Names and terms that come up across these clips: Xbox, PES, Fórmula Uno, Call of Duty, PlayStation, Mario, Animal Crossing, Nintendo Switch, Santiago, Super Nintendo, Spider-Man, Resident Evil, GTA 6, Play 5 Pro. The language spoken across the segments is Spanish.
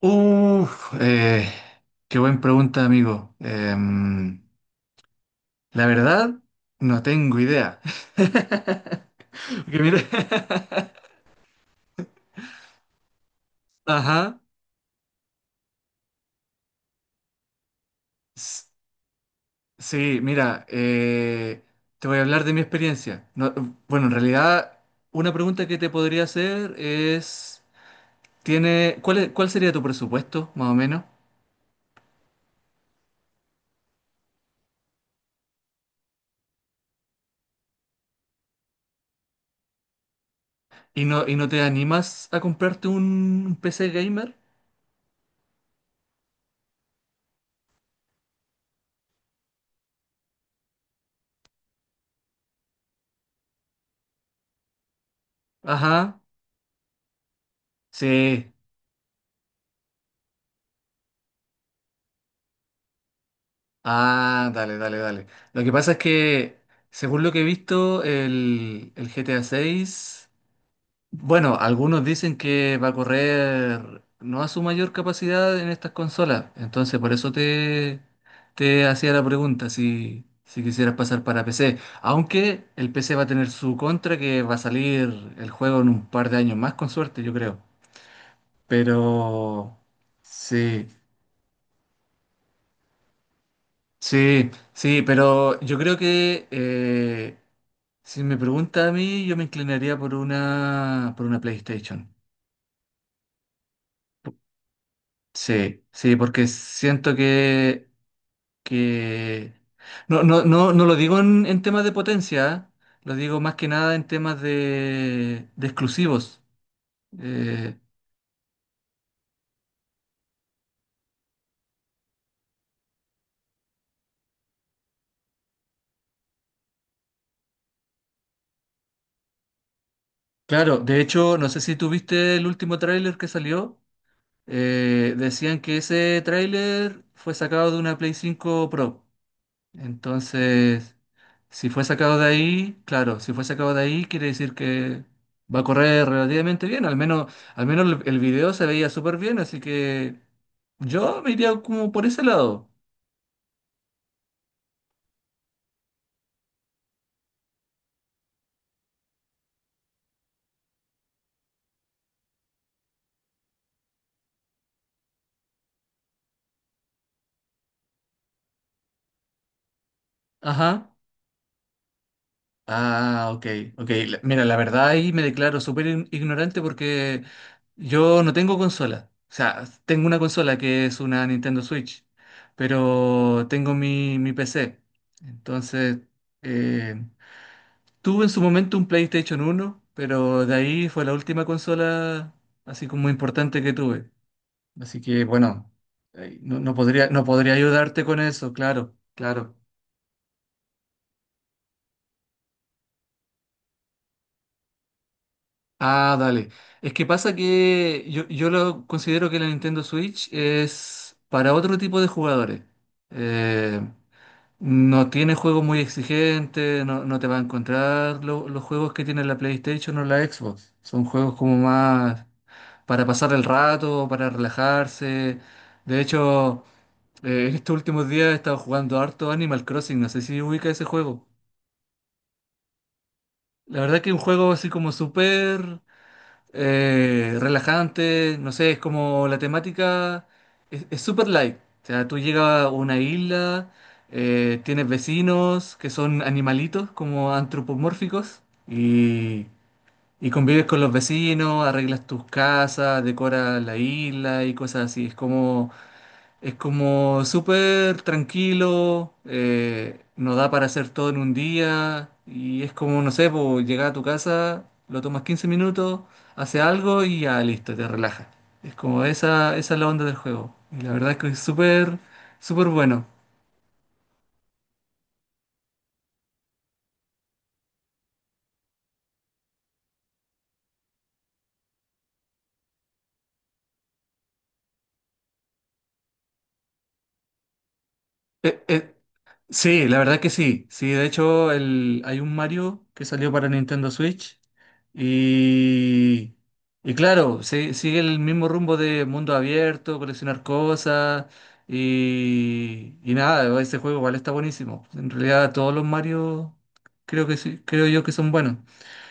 Uf, qué buena pregunta, amigo. La verdad, no tengo idea. Porque mira, ajá, s- sí, mira, te voy a hablar de mi experiencia. No, bueno, en realidad, una pregunta que te podría hacer es, cuál sería tu presupuesto, más o menos? ¿Y no te animas a comprarte un PC gamer? Ajá. Sí. Ah, dale, dale, dale. Lo que pasa es que, según lo que he visto, el GTA 6, bueno, algunos dicen que va a correr no a su mayor capacidad en estas consolas. Entonces, por eso te hacía la pregunta si quisieras pasar para PC. Aunque el PC va a tener su contra, que va a salir el juego en un par de años más, con suerte, yo creo. Pero, sí, sí, sí, pero yo creo que... si me pregunta a mí, yo me inclinaría por una, PlayStation. Sí, sí, porque siento que no, no, no, no lo digo en temas de potencia, ¿eh? Lo digo más que nada en temas de exclusivos. Eh, claro, de hecho, no sé si tuviste el último tráiler que salió. Decían que ese tráiler fue sacado de una Play 5 Pro. Entonces, si fue sacado de ahí, claro, si fue sacado de ahí, quiere decir que va a correr relativamente bien. Al menos el video se veía súper bien, así que yo me iría como por ese lado. Ajá. Ah, ok, ok. Mira, la verdad ahí me declaro súper ignorante porque yo no tengo consola. O sea, tengo una consola que es una Nintendo Switch, pero tengo mi PC. Entonces, eh, tuve en su momento un PlayStation uno, pero de ahí fue la última consola así como importante que tuve. Así que bueno, ahí no podría ayudarte con eso, claro, claro. Ah, dale. Es que pasa que yo lo considero que la Nintendo Switch es para otro tipo de jugadores. Eh, No tiene juegos muy exigentes, no te va a encontrar los juegos que tiene la PlayStation o la Xbox. Son juegos como más para pasar el rato, para relajarse. De hecho, en estos últimos días he estado jugando harto Animal Crossing, no sé si ubica ese juego. La verdad que es un juego así como súper relajante, no sé, es como la temática es súper light. O sea, tú llegas a una isla, tienes vecinos que son animalitos como antropomórficos y convives con los vecinos, arreglas tus casas, decoras la isla y cosas así. Es como súper tranquilo, nos da para hacer todo en un día y es como, no sé, po, llegar a tu casa, lo tomas 15 minutos, hace algo y ya listo, te relajas. Es como esa es la onda del juego. Y la verdad es que es súper, súper bueno. Eh, eh, Sí, la verdad que sí. Sí, de hecho hay un Mario que salió para Nintendo Switch y, y claro, sigue el mismo rumbo de mundo abierto, coleccionar cosas y nada, ese juego igual está buenísimo. En realidad todos los Mario creo que sí, creo yo que son buenos.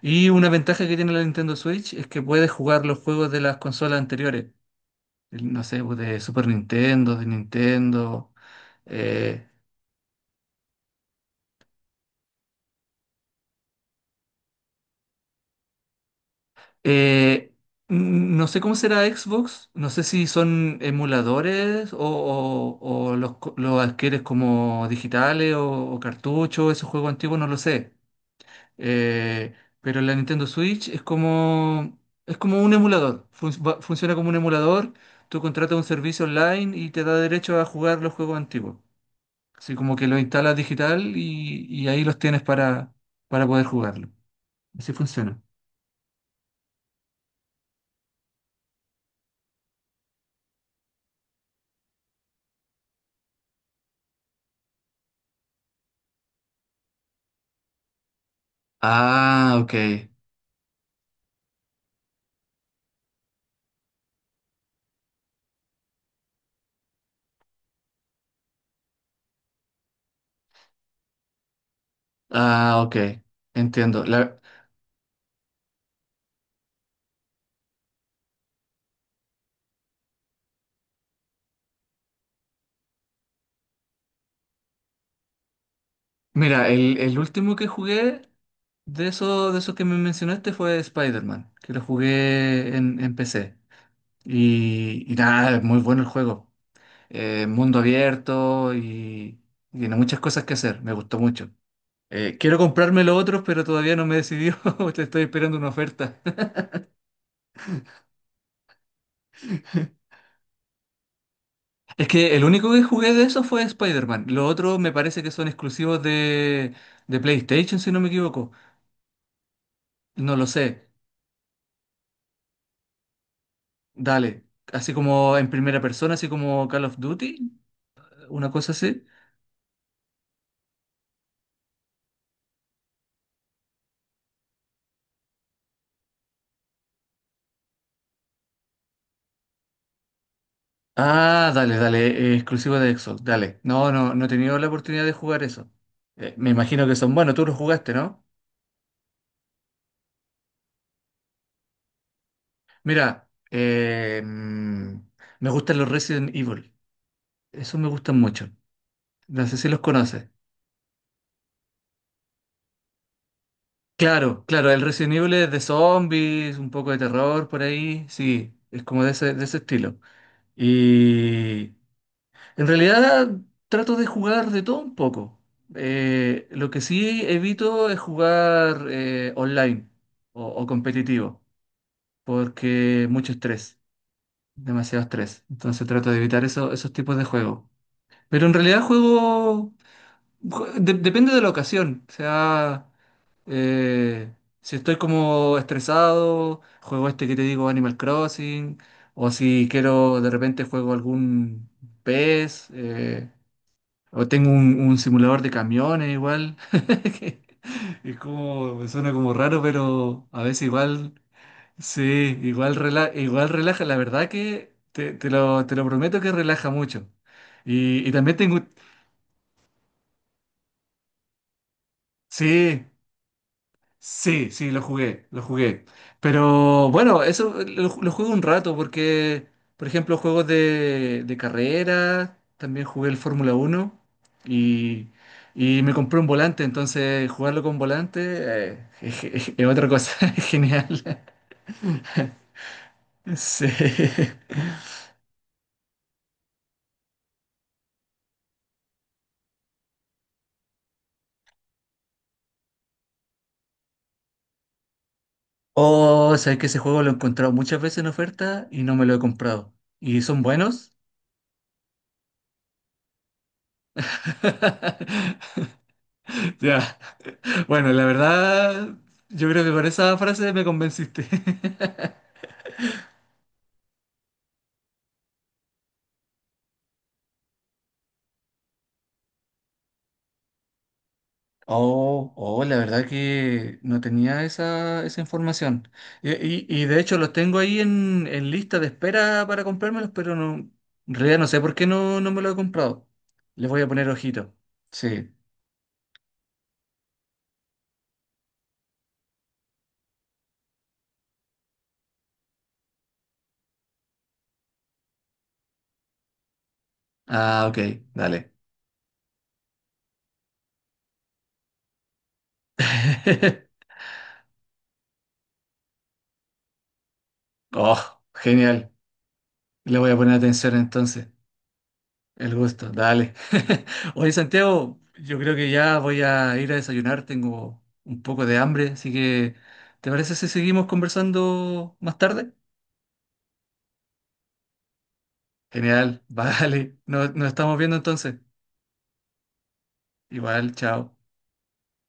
Y una ventaja que tiene la Nintendo Switch es que puedes jugar los juegos de las consolas anteriores. No sé, pues, de Super Nintendo, de Nintendo. eh, Eh, no sé cómo será Xbox, no sé si son emuladores o los adquieres como digitales o cartuchos, esos juegos antiguos, no lo sé. Eh, pero la Nintendo Switch es como un emulador, funciona como un emulador, tú contratas un servicio online y te da derecho a jugar los juegos antiguos. Así como que lo instalas digital y ahí los tienes para poder jugarlo. Así funciona. Ah, ok. Ah, ok, entiendo. Mira, el último que jugué de esos que me mencionaste fue Spider-Man, que lo jugué en PC. Y nada, es muy bueno el juego. Mundo abierto y tiene muchas cosas que hacer, me gustó mucho. Quiero comprarme los otros, pero todavía no me he decidido, te estoy esperando una oferta. Es que el único que jugué de eso fue Spider-Man. Los otros me parece que son exclusivos de PlayStation, si no me equivoco. No lo sé. Dale, así como en primera persona, así como Call of Duty, una cosa así. Ah, dale, dale, exclusivo de Xbox, dale. No, no, no he tenido la oportunidad de jugar eso. Me imagino que son buenos, tú los jugaste, ¿no? Mira, me gustan los Resident Evil, esos me gustan mucho. No sé si los conoces. Claro, claro, el Resident Evil es de zombies, un poco de terror por ahí, sí, es como de ese estilo. Y en realidad trato de jugar de todo un poco. Lo que sí evito es jugar online o competitivo, porque mucho estrés, demasiado estrés. Entonces trato de evitar esos tipos de juegos. Pero en realidad depende de la ocasión. O sea, eh, si estoy como estresado, juego este que te digo, Animal Crossing, o si quiero de repente juego algún PES. O tengo un simulador de camiones igual. Que es como, me suena como raro, pero a veces igual, sí, igual, igual relaja. La verdad que te lo prometo que relaja mucho. Y también tengo, sí. Sí, sí, lo jugué, lo jugué. Pero bueno, eso lo jugué un rato porque, por ejemplo, juegos de carrera, también jugué el Fórmula 1 y, y me compré un volante, entonces jugarlo con volante es otra cosa, es genial. Sí. Oh, sabes que ese juego lo he encontrado muchas veces en oferta y no me lo he comprado. ¿Y son buenos? Ya. Bueno, la verdad, yo creo que con esa frase me convenciste. Oh, oh, la verdad que no tenía esa información. Y de hecho los tengo ahí en lista de espera para comprármelos, pero no, en realidad no sé por qué no me lo he comprado. Les voy a poner ojito. Sí. Ah, ok, dale. Oh, genial. Le voy a poner atención entonces. El gusto, dale. Oye, Santiago, yo creo que ya voy a ir a desayunar, tengo un poco de hambre, así que, ¿te parece si seguimos conversando más tarde? Genial, vale. Nos estamos viendo entonces. Igual, chao.